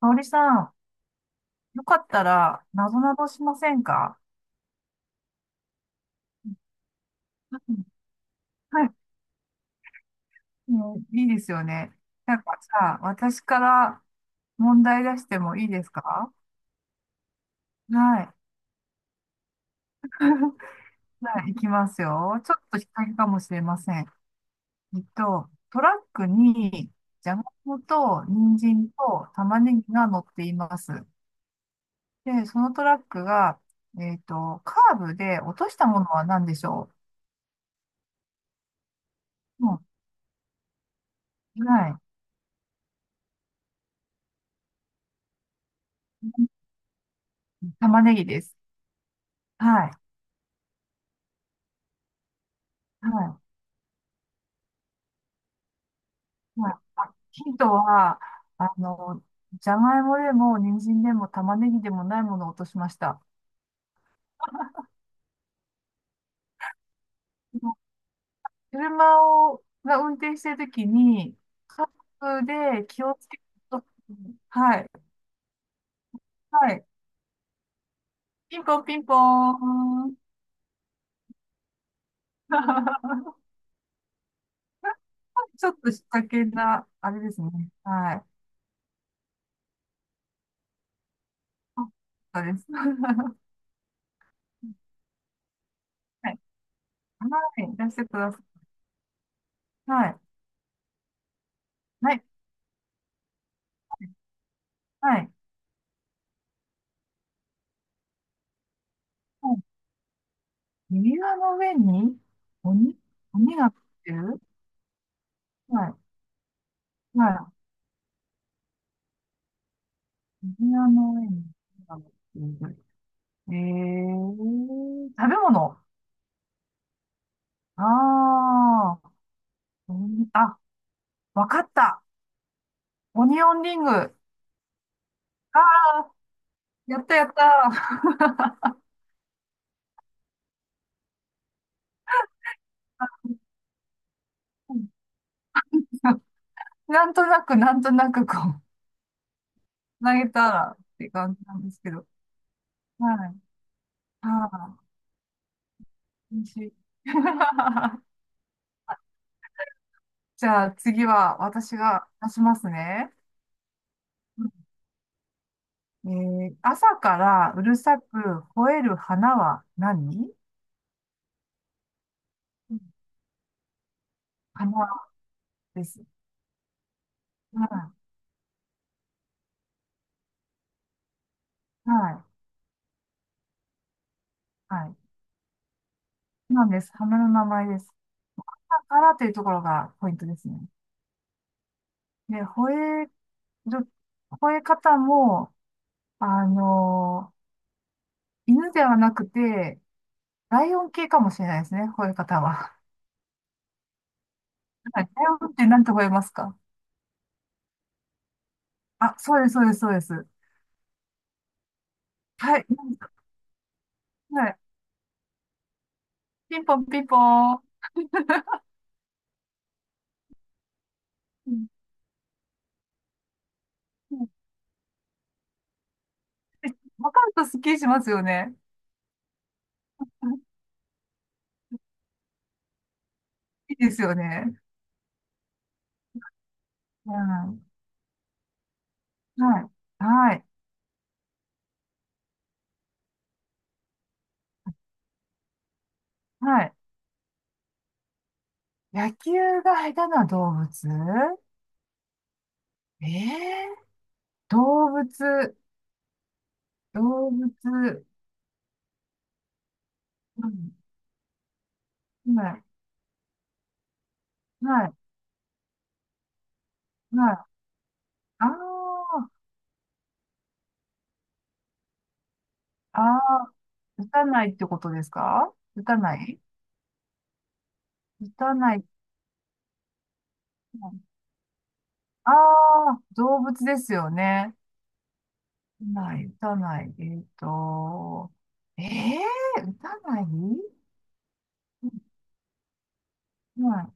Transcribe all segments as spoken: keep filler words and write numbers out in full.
香織さん、よかったら、なぞなぞしませんか？うんはい。もういいですよね。なんかさ、私から問題出してもいいですか？はい。はい、いきますよ。ちょっと引っ掛けかもしれません。えっと、トラックに、じゃがいもと、人参と、玉ねぎが乗っています。で、そのトラックが、えっと、カーブで落としたものは何でしょう？うん。はい。玉ねぎです。はい。はい。はい。あ、ヒントは、あの、じゃがいもでも、人参でも、玉ねぎでもないものを落としました。車を、が運転してるときに、カップで気をつけると、はい。はい。ピンポンピンポーン。ちょっと仕掛けな、あれですね。はい。あ、そうです。はい。はい。出してください。はい。はい。はい。指輪の上に鬼、鬼が来てる。はい。はい。指輪の上に鬼が乗っている。えー、食べ物。あー、鬼、あ、わかった。オニオンリング。あー、やったやった。なんとなく、なんとなく、こう、投げたらって感じなんですけど。はい。はい。美味しい。じゃあ次は私が出しますね。えー、朝からうるさく吠える花は何？うん花です。はい。はい。はい。なんです。花の名前です。朝からというところがポイントですね。で、吠える、吠え方も、あのー犬ではなくて、ライオン系かもしれないですね、吠え方は。はい。ライオンって何て吠えますか？あ、そうです、そうです、そうです。はい。はい。ピンポンピンポン。うんうんわかるとスッキリしますよね。いいですよね。うん。はい。はい。はい。野球が下手な動物。ええー、動物、動物、うん。はい。はい。はい。ああ、ああ、打たないってことですか？打たない、打たない。ああー、動物ですよね。打たない、打たない。えっと、ええー、打たないうん、うん、あ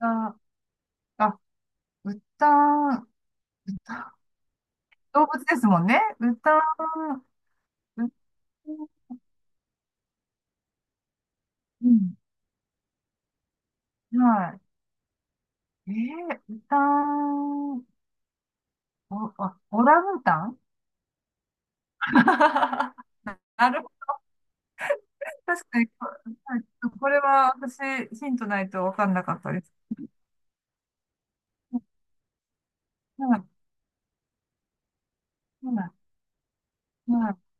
ああ、あ、打た、動物ですもんね。歌、歌、うん。はい。えー、歌、お、あ、オランウータン。 なるほど。確かに、こ、はい、これは私、ヒントないと分かんなかったです。はい、はい、はい。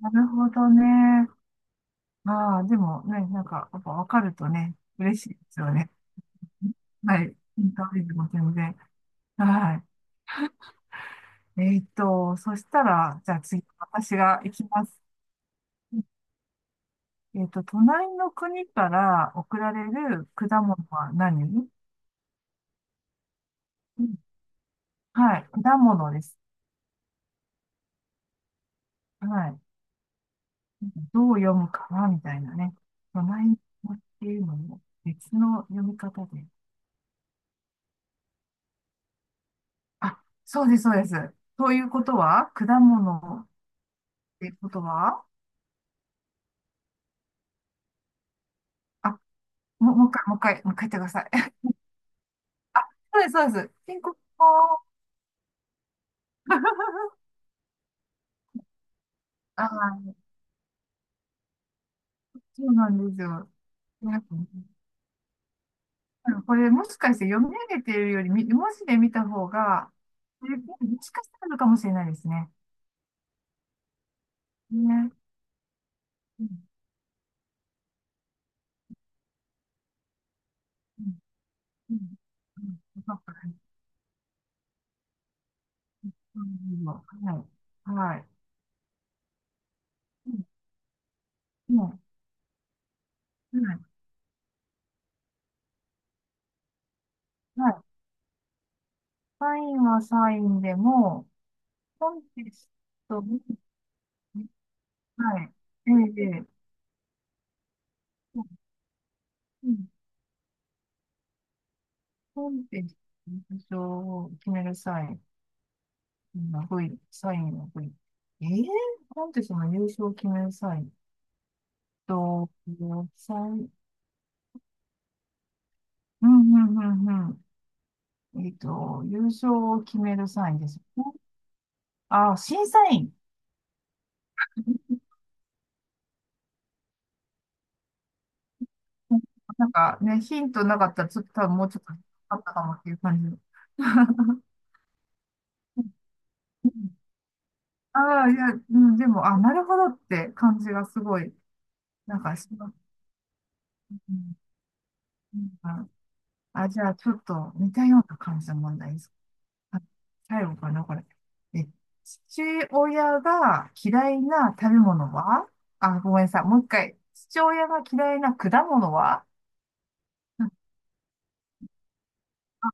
なるほどね。ああ、でもね、なんか、やっぱ分かるとね、嬉しいですよね。はい。ヒントクイズも全然。はい。えーっと、そしたら、じゃあ次、私が行きます。えっと、隣の国から送られる果物は何？うん、はい、果物です。はい。どう読むかなみたいなね。隣の国っていうのも別の読み方で。あ、そうです、そうです。ということは、果物っていうことは、あ、もう、もう一回、もう一回、もう一回言ってください。あ、そうです、そうです。ピ国ク、あー、そうなんですよ。これもしかして読み上げてるよりみ文字で見た方が、え、もしかしたらあるかもしれないですね。ね。うん。うん。うん。うん、よかったです。うん、はい。はい。うん。うん、はい。はい。サインはサインでも、コンテストに、はい。ええ、ええ、うん。コンテストの優勝を決める際の V、サインの V。ええ、コンテストの優勝を決める際。と、さん、うんうんうんうん。えっと、優勝を決めるサインですよね。あ、審査員。うん、なんかね、ヒントなかったら、ちょっと多分もうちょっとあったかもっていう感じ。うん、ああ、いや、うん、でも、あ、なるほどって感じがすごい、なんかします。うん、うん、あ、じゃあ、ちょっと似たような感じの問題です。あ、最後かな、これ。え、父親が嫌いな食べ物は、あ、ごめんなさい。もう一回。父親が嫌いな果物は？うんあ、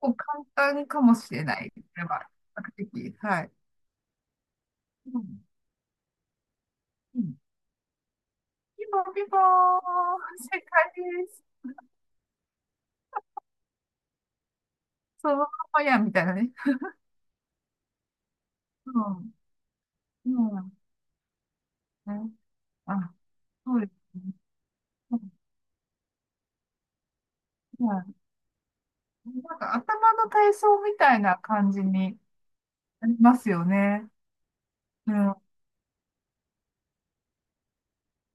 こう簡単かもしれない。これは、比較的。はい。うん。うん。ピンポンピンポーン、正解です。そのままや、みたいなね。うん。うん。ね、あ、そうですね。うん、いや、なんか頭の体操みたいな感じになりますよね。うん。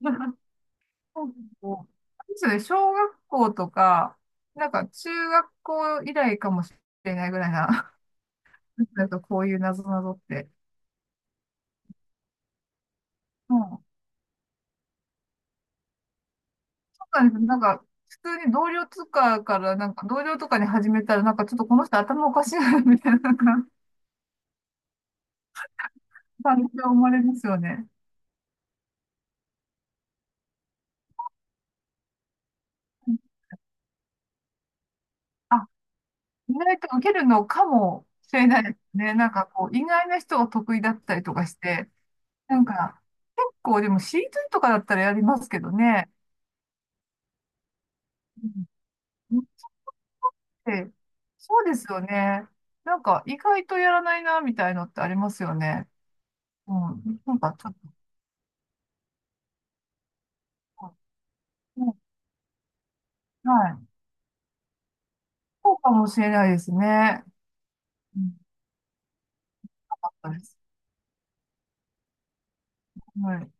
そうそうあれですよね、小学校とか、なんか中学校以来かもしれないぐらいな、なんかこういう謎ぞって。うん。そうなんですよ。なんか、普通に同僚とかから、なんか同僚とかに始めたら、なんかちょっとこの人頭おかしいな、みたいな、なんか感じが生まれますよね。あ、意外と受けるのかもしれないですね。なんかこう、意外な人が得意だったりとかして、なんか、結構でも シーツー とかだったらやりますけどね。ええ、そうですよね。なんか意外とやらないな、みたいのってありますよね。うん。なんかちょっと、うん、はい。そうかもしれないですね。うん。なかったです。はい。